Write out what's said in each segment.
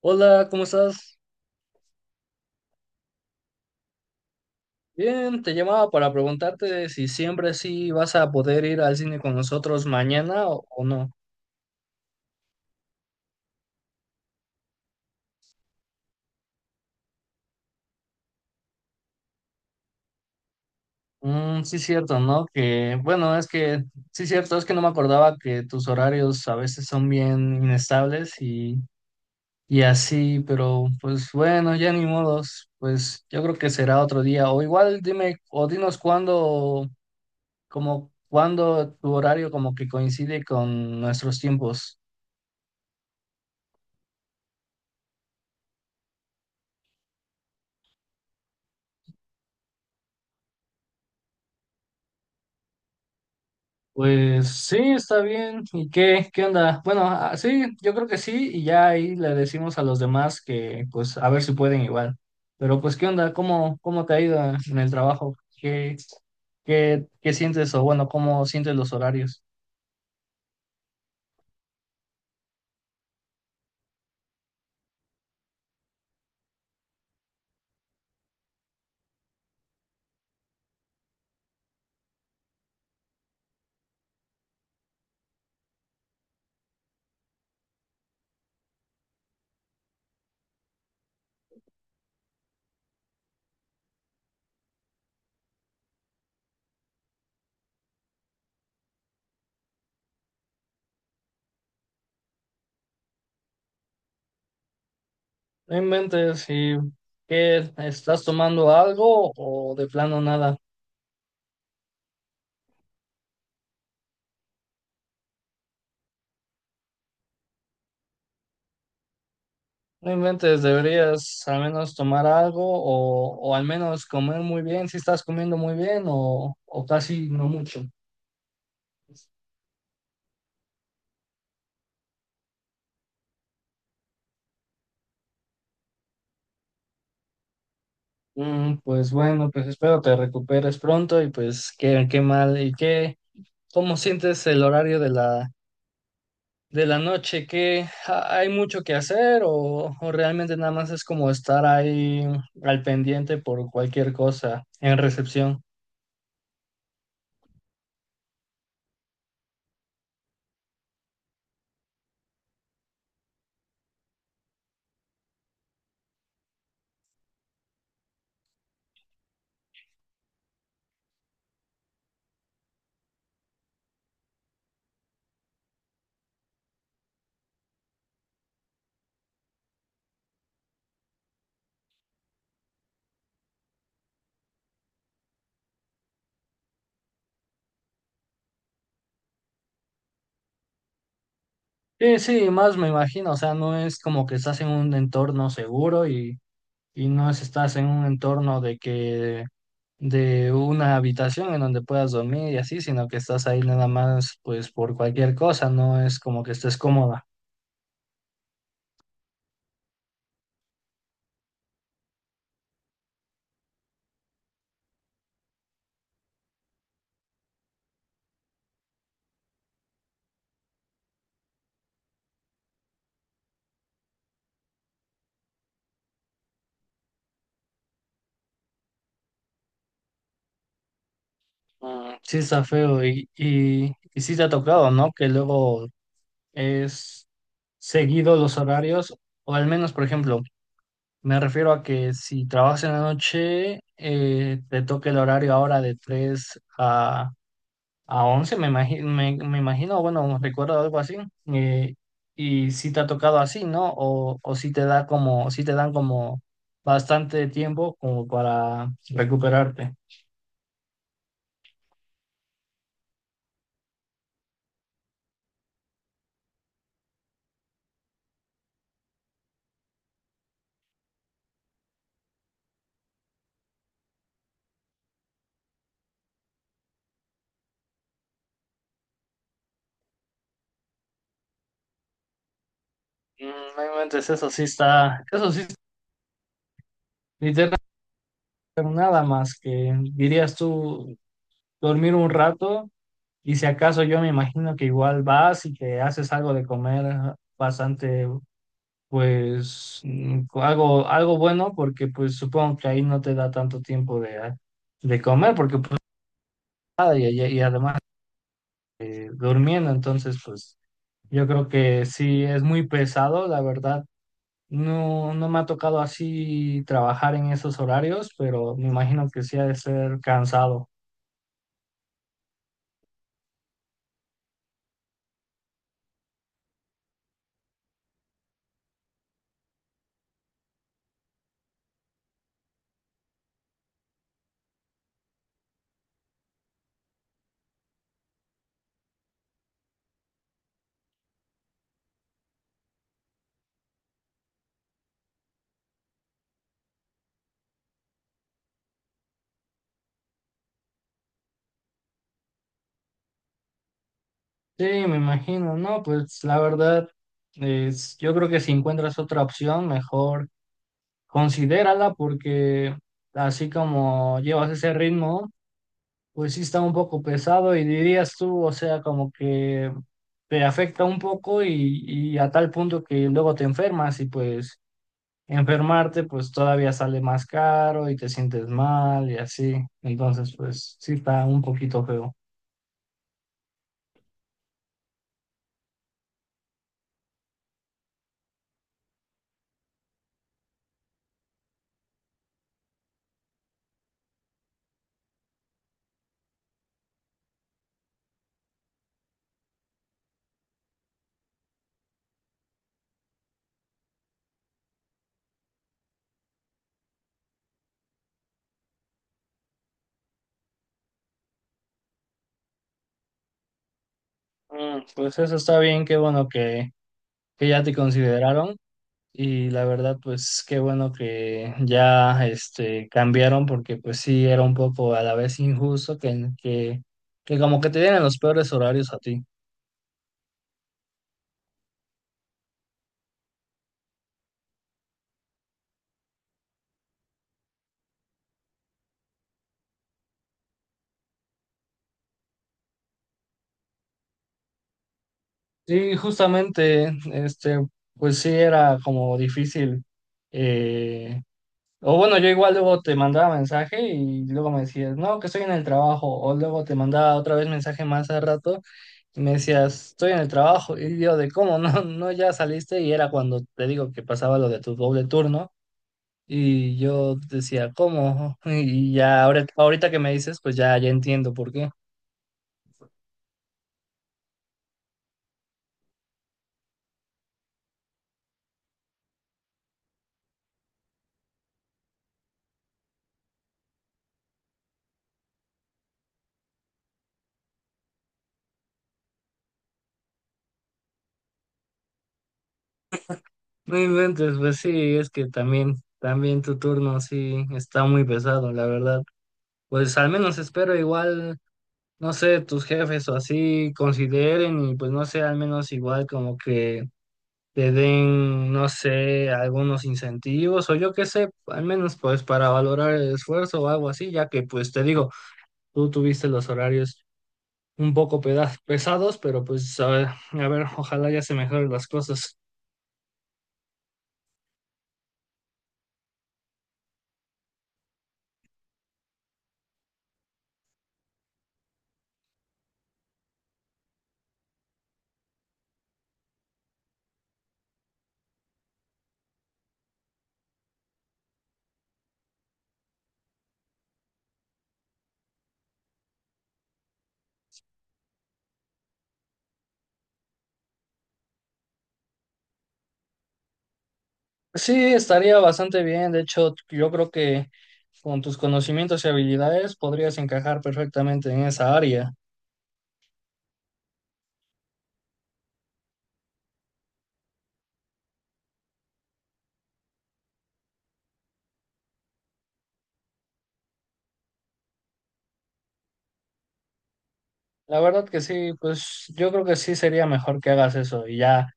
Hola, ¿cómo estás? Bien, te llamaba para preguntarte si siempre sí vas a poder ir al cine con nosotros mañana o no. Mm, sí, cierto, ¿no? Que bueno, es que sí, cierto, es que no me acordaba que tus horarios a veces son bien inestables y así, pero pues bueno, ya ni modos, pues yo creo que será otro día. O igual dime, o dinos cuándo, como cuándo tu horario como que coincide con nuestros tiempos. Pues sí, está bien. ¿Y qué, qué onda? Bueno, ah, sí, yo creo que sí, y ya ahí le decimos a los demás que pues a ver si pueden igual. Pero pues qué onda, ¿cómo, cómo te ha ido en el trabajo? ¿Qué, qué, qué sientes o bueno, cómo sientes los horarios? No inventes, ¿y qué estás tomando algo o de plano nada? No inventes, deberías al menos tomar algo o al menos comer muy bien, si estás comiendo muy bien o casi no mucho. Mm, pues bueno, pues espero te recuperes pronto y pues qué, qué mal y qué, ¿cómo sientes el horario de de la noche? Hay mucho que hacer o realmente nada más es como estar ahí al pendiente por cualquier cosa en recepción? Sí, sí, más me imagino, o sea, no es como que estás en un entorno seguro y no es- estás en un entorno de que de una habitación en donde puedas dormir y así, sino que estás ahí nada más pues por cualquier cosa, no es como que estés cómoda. Mm, sí está feo y sí te ha tocado, ¿no? Que luego es seguido los horarios, o al menos, por ejemplo, me refiero a que si trabajas en la noche, te toca el horario ahora de 3 a 11 me imagino, me imagino, bueno, recuerdo algo así. eh, y si te ha tocado así, ¿no? O si te da como, si te dan como bastante tiempo como para recuperarte. Mm, no inventes, eso sí está, eso sí, literalmente nada más que dirías tú dormir un rato y si acaso yo me imagino que igual vas y que haces algo de comer bastante pues algo, algo bueno porque pues supongo que ahí no te da tanto tiempo de, ah, de comer porque pues nada y además durmiendo, entonces pues yo creo que sí es muy pesado, la verdad. No, no me ha tocado así trabajar en esos horarios, pero me imagino que sí ha de ser cansado. Sí, me imagino, no, pues la verdad, es, yo creo que si encuentras otra opción, mejor considérala porque así como llevas ese ritmo, pues sí está un poco pesado y dirías tú, o sea, como que te afecta un poco y a tal punto que luego te enfermas y pues enfermarte pues todavía sale más caro y te sientes mal y así. Entonces pues sí está un poquito feo. Mm, pues eso está bien, qué bueno que ya te consideraron y la verdad pues qué bueno que ya este cambiaron porque pues sí era un poco a la vez injusto que como que te dieran los peores horarios a ti. Sí, justamente, este, pues sí era como difícil. eh, o bueno, yo igual luego te mandaba mensaje y luego me decías, no, que estoy en el trabajo. O luego te mandaba otra vez mensaje más al rato y me decías, estoy en el trabajo. Y yo de cómo, no, no, ya saliste. Y era cuando te digo que pasaba lo de tu doble turno. Y yo decía, ¿cómo? Y ahorita que me dices, pues ya, ya entiendo por qué. No inventes, pues sí, es que también, también tu turno sí está muy pesado, la verdad. Pues al menos espero igual, no sé, tus jefes o así consideren y pues no sé, al menos igual como que te den, no sé, algunos incentivos o yo qué sé, al menos pues para valorar el esfuerzo o algo así, ya que pues te digo, tú tuviste los horarios pesados, pero pues a ver, ojalá ya se mejoren las cosas. Sí, estaría bastante bien. De hecho, yo creo que con tus conocimientos y habilidades podrías encajar perfectamente en esa área. La verdad que sí, pues yo creo que sí sería mejor que hagas eso y ya.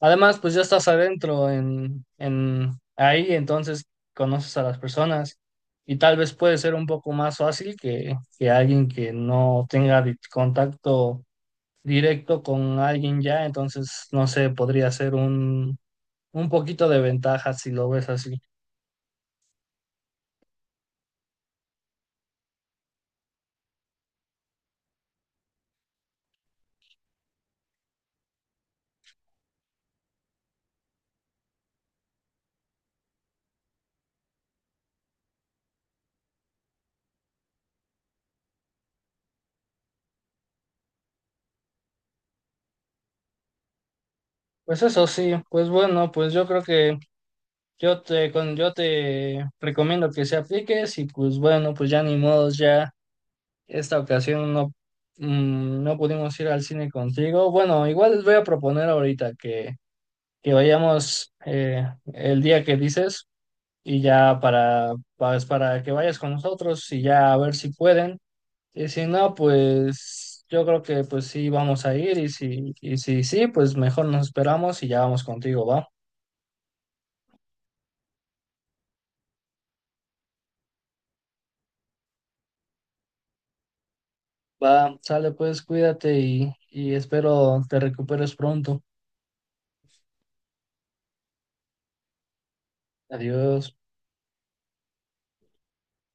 Además, pues ya estás adentro en ahí, entonces conoces a las personas y tal vez puede ser un poco más fácil que alguien que no tenga contacto directo con alguien ya, entonces no sé, podría ser un poquito de ventaja si lo ves así. Pues eso sí, pues bueno, pues yo creo que yo te, con, yo te recomiendo que se apliques y pues bueno, pues ya ni modos, ya esta ocasión no, no pudimos ir al cine contigo. Bueno, igual les voy a proponer ahorita que vayamos el día que dices y ya para, pues, para que vayas con nosotros y ya a ver si pueden. Y si no, pues yo creo que pues sí vamos a ir y si sí, pues mejor nos esperamos y ya vamos contigo, ¿va? Va, sale pues, cuídate y espero te recuperes pronto. Adiós.